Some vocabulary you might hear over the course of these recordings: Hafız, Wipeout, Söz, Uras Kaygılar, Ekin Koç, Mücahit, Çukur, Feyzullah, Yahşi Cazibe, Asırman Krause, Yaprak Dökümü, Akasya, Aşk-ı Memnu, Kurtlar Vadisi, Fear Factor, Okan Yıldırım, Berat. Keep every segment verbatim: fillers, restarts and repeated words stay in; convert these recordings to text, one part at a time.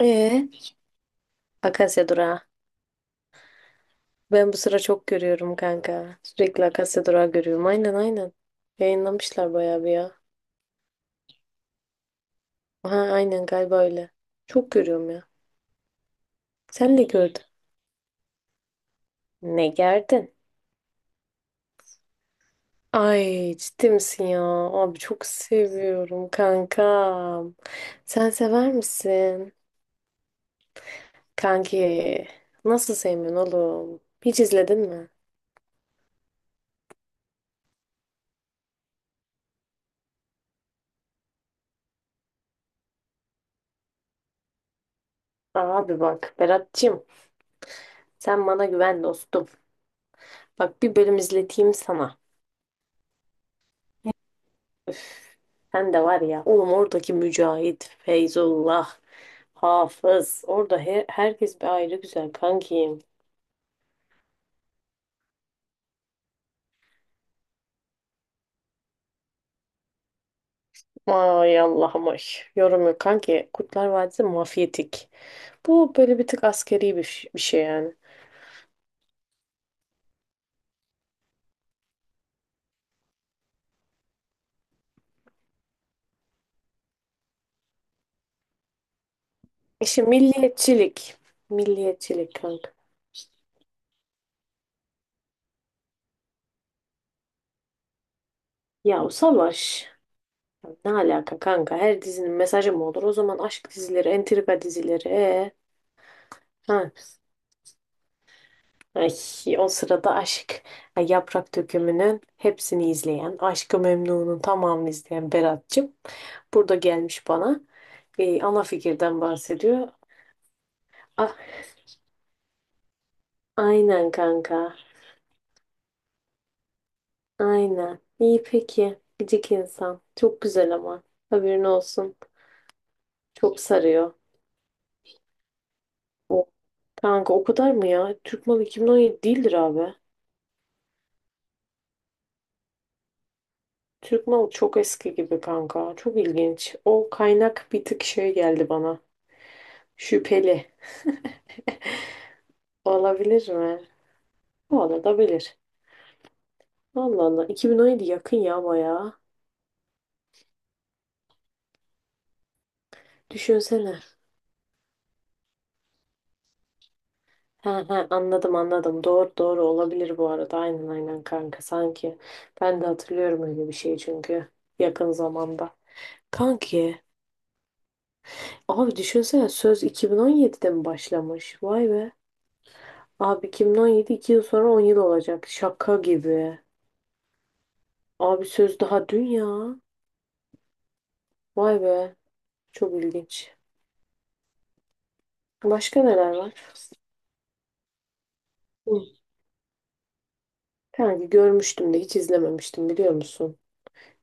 Ee, Akasya durağı. Ben bu sıra çok görüyorum kanka. Sürekli Akasya durağı görüyorum. Aynen, aynen. Yayınlamışlar bayağı bir ya. Ha, aynen galiba öyle. Çok görüyorum ya. Sen de gördün. Ne gerdin? Ay, ciddi misin ya? Abi çok seviyorum kankam. Sen sever misin? Kanki, nasıl sevmiyorsun oğlum? Hiç izledin mi? Abi bak Berat'cığım, sen bana güven dostum. Bak, bir bölüm izleteyim sana. Öf, sen de var ya oğlum, oradaki Mücahit, Feyzullah, Hafız. Orada he- herkes bir ayrı güzel kankim. Ay Allah'ım ay. Yorum yok kanki. Kurtlar Vadisi mafyatik. Bu böyle bir tık askeri bir, ş- bir şey yani. İşte milliyetçilik. Milliyetçilik kanka. Ya, o savaş. Ya ne alaka kanka? Her dizinin mesajı mı olur? O zaman aşk dizileri, entrika dizileri. Ee, ha. Ay, o sırada aşk, ay, yaprak dökümünün hepsini izleyen, Aşk-ı Memnu'nun tamamını izleyen Berat'cığım burada gelmiş bana. E, ana fikirden bahsediyor. Ah, aynen kanka. Aynen. İyi peki. Gıcık insan. Çok güzel ama. Haberin olsun. Çok sarıyor. O, kanka o kadar mı ya? Türk malı iki bin on yedi değildir abi. Türk malı çok eski gibi kanka. Çok ilginç. O kaynak bir tık şey geldi bana. Şüpheli. Olabilir mi? Olabilir. Allah Allah. iki bin on yedi yakın ya bayağı. Düşünsene. He he, anladım, anladım. Doğru, doğru, olabilir bu arada. Aynen, aynen kanka sanki. Ben de hatırlıyorum öyle bir şey çünkü. Yakın zamanda. Kanki. Abi düşünsene, söz iki bin on yedide mi başlamış? Vay be. Abi iki bin on yedi, iki yıl sonra on yıl olacak. Şaka gibi. Abi söz daha dün ya. Vay be. Çok ilginç. Başka neler var? Hı. Kanki görmüştüm de hiç izlememiştim, biliyor musun?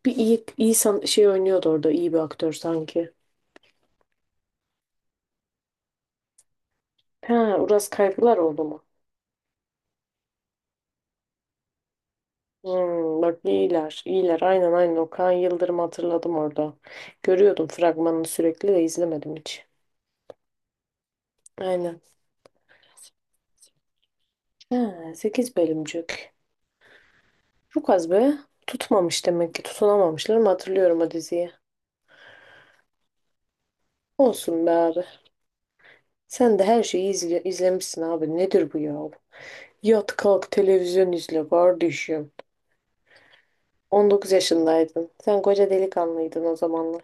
Bir iyi, iyi san- şey oynuyordu orada, iyi bir aktör sanki. Ha, Uras Kaygılar oldu mu? Hmm, bak iyiler, iyiler. Aynen, aynen, Okan Yıldırım hatırladım orada. Görüyordum fragmanını sürekli de izlemedim hiç. Aynen. Ha, sekiz bölümcük. Çok az be. Tutmamış demek ki. Tutunamamışlar mı, hatırlıyorum o diziyi. Olsun be abi. Sen de her şeyi izle- izlemişsin abi. Nedir bu ya? Yat kalk televizyon izle kardeşim. On dokuz yaşındaydın. Sen koca delikanlıydın o zamanlar.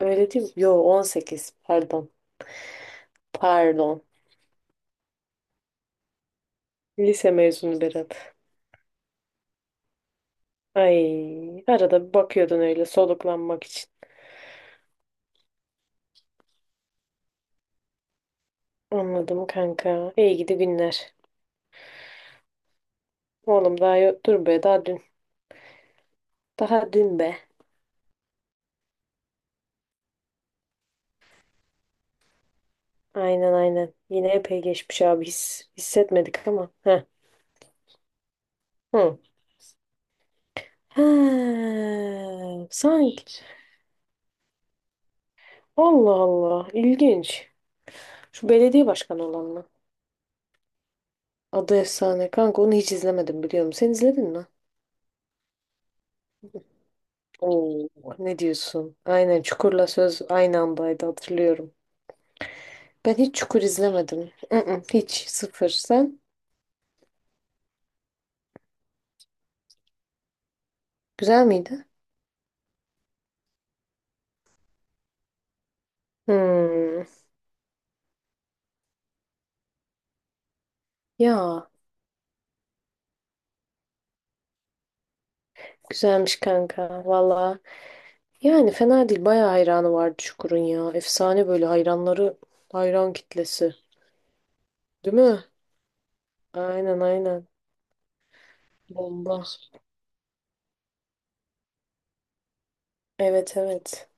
Öyle değil mi? Yo, on sekiz. Pardon. Pardon. Lise mezunu Berat. Ay, arada bir bakıyordun öyle, soluklanmak için. Anladım kanka. İyi gidi günler. Oğlum daha yok. Dur be, daha dün. Daha dün be. Aynen, aynen. Yine epey geçmiş abi. His, hissetmedik ama. Heh. Hı. Ha, sanki. Allah Allah. İlginç. Şu belediye başkanı olan mı? Adı efsane. Kanka onu hiç izlemedim, biliyorum. Sen izledin mi? Oo, ne diyorsun? Aynen, Çukur'la Söz aynı andaydı hatırlıyorum. Ben hiç Çukur izlemedim. Mm-mm, hiç sıfır. Sen? Güzel miydi? Hmm. Ya, güzelmiş kanka valla. Yani fena değil. Bayağı hayranı vardı Çukur'un ya. Efsane böyle hayranları, hayran kitlesi. Değil mi? Aynen, aynen. Bomba. Evet, evet.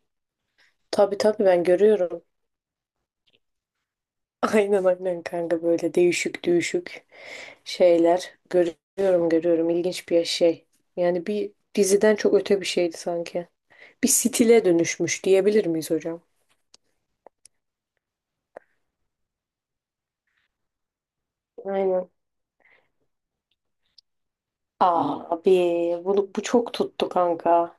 Tabii, tabii ben görüyorum. Aynen, aynen kanka, böyle değişik, düşük şeyler görüyorum, görüyorum, ilginç bir şey. Yani bir diziden çok öte bir şeydi sanki. Bir stile dönüşmüş diyebilir miyiz hocam? Aynen. Abi bunu, bu çok tuttu kanka.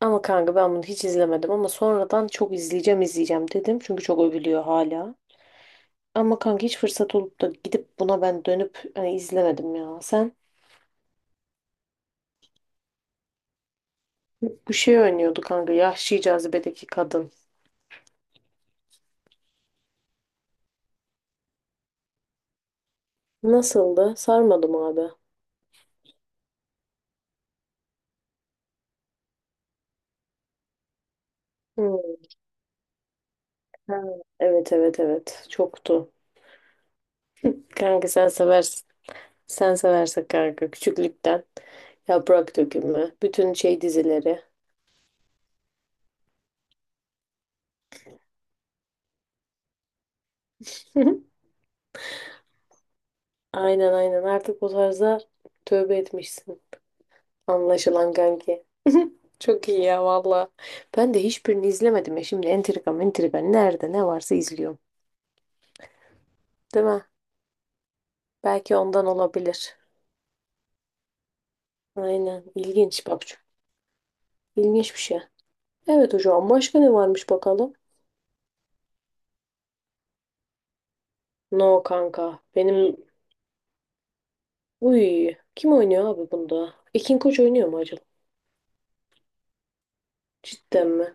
Ama kanka ben bunu hiç izlemedim, ama sonradan çok izleyeceğim, izleyeceğim dedim. Çünkü çok övülüyor hala. Ama kanka hiç fırsat olup da gidip buna ben dönüp hani izlemedim ya. Sen, bu şey oynuyordu kanka, Yahşi Cazibe'deki kadın. Nasıldı? Sarmadım abi. Hmm. Ha, evet, evet, evet, çoktu. Kanka sen seversin. Sen seversen kanka küçüklükten yaprak dökümü, bütün şey dizileri. Aynen, aynen, artık bu tarza tövbe etmişsin. Anlaşılan kanki. Çok iyi ya valla. Ben de hiçbirini izlemedim ya. Şimdi entrika, entrika nerede ne varsa izliyorum. Değil mi? Belki ondan olabilir. Aynen, ilginç babacığım. İlginç bir şey. Evet hocam, başka ne varmış bakalım? No kanka. Benim Uy, kim oynuyor abi bunda? Ekin Koç oynuyor mu acaba? Cidden mi?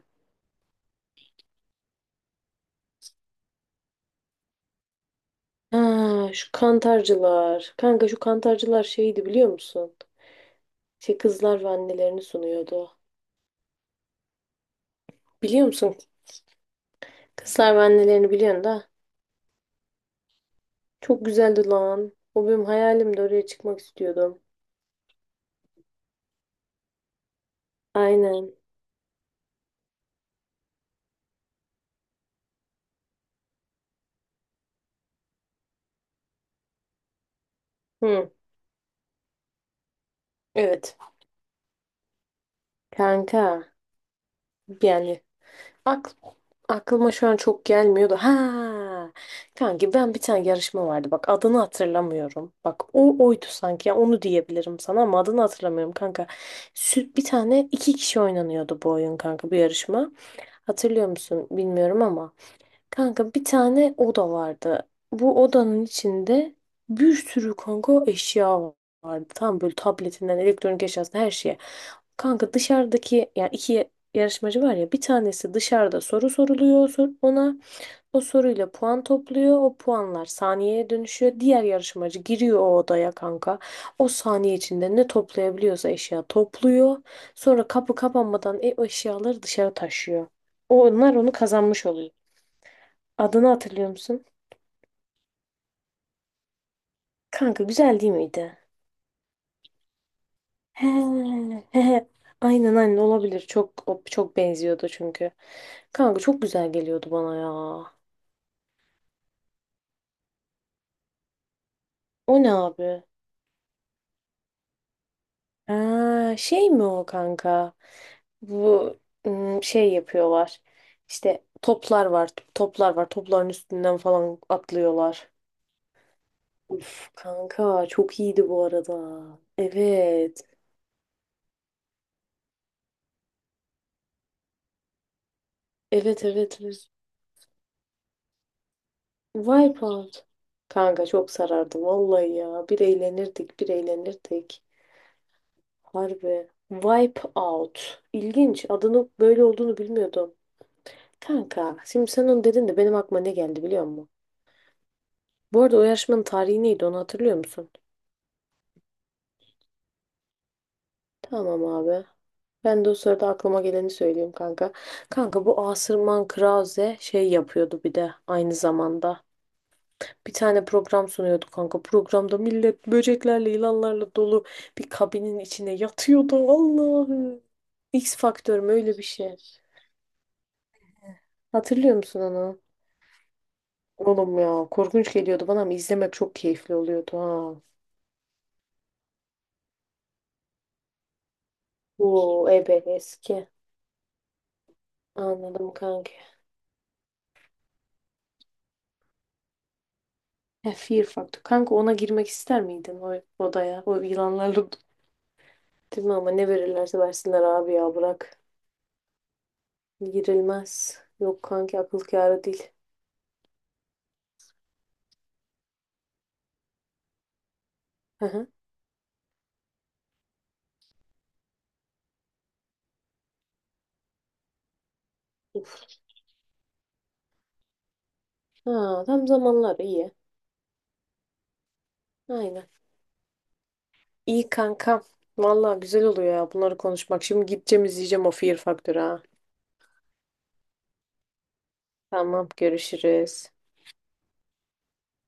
Ha, şu kantarcılar. Kanka şu kantarcılar şeydi, biliyor musun? Şey kızlar ve annelerini sunuyordu. Biliyor musun? Kızlar ve annelerini biliyorsun da. Çok güzeldi lan. O benim hayalimdi, oraya çıkmak istiyordum. Aynen. Hı, evet. Kanka. Yani Ak- aklıma şu an çok gelmiyordu. Ha, kanki ben, bir tane yarışma vardı. Bak, adını hatırlamıyorum. Bak, o oydu sanki. Ya onu diyebilirim sana, ama adını hatırlamıyorum kanka. Sü- Bir tane iki kişi oynanıyordu bu oyun kanka, bu yarışma. Hatırlıyor musun bilmiyorum ama. Kanka bir tane oda vardı. Bu odanın içinde bir sürü kanka eşya vardı. Tam böyle tabletinden elektronik eşyasına her şeye. Kanka dışarıdaki yani iki yarışmacı var ya, bir tanesi dışarıda soru soruluyor sor- ona. O soruyla puan topluyor. O puanlar saniyeye dönüşüyor. Diğer yarışmacı giriyor o odaya kanka. O saniye içinde ne toplayabiliyorsa eşya topluyor. Sonra kapı kapanmadan e- o eşyaları dışarı taşıyor. Onlar onu kazanmış oluyor. Adını hatırlıyor musun? Kanka güzel değil miydi? He, he, he. Aynen, aynen olabilir. Çok o- çok benziyordu çünkü. Kanka çok güzel geliyordu bana ya. O ne abi? Ha, şey mi o kanka? Bu ım, şey yapıyorlar. İşte toplar var. Toplar var. Topların üstünden falan atlıyorlar. Uf kanka çok iyiydi bu arada. Evet. Evet, evet. Evet. Wipeout. Kanka çok sarardı vallahi ya. Bir eğlenirdik, bir eğlenirdik. Harbi. Wipeout. İlginç. Adının böyle olduğunu bilmiyordum. Kanka, şimdi sen onu dedin de benim aklıma ne geldi biliyor musun? Bu arada o yarışmanın tarihi neydi, onu hatırlıyor musun? Tamam abi. Ben de o sırada aklıma geleni söyleyeyim kanka. Kanka bu Asırman Krause şey yapıyordu bir de aynı zamanda. Bir tane program sunuyordu kanka. Programda millet böceklerle, yılanlarla dolu bir kabinin içine yatıyordu. Allah'ım. X Faktör mü, öyle bir şey. Hatırlıyor musun onu? Oğlum ya korkunç geliyordu bana, ama izlemek çok keyifli oluyordu ha. Oo, ebe eski. Anladım kanka. He, Fear Factor. Kanka ona girmek ister miydin, o odaya? O yılanlarla. Değil mi ama, ne verirlerse versinler abi ya, bırak. Girilmez. Yok kanki, akıl kârı değil. Hı hı. Ha, tam zamanlar iyi. Aynen. İyi kanka. Vallahi güzel oluyor ya bunları konuşmak. Şimdi gideceğim izleyeceğim o Fear Factor'ı ha. Tamam, görüşürüz.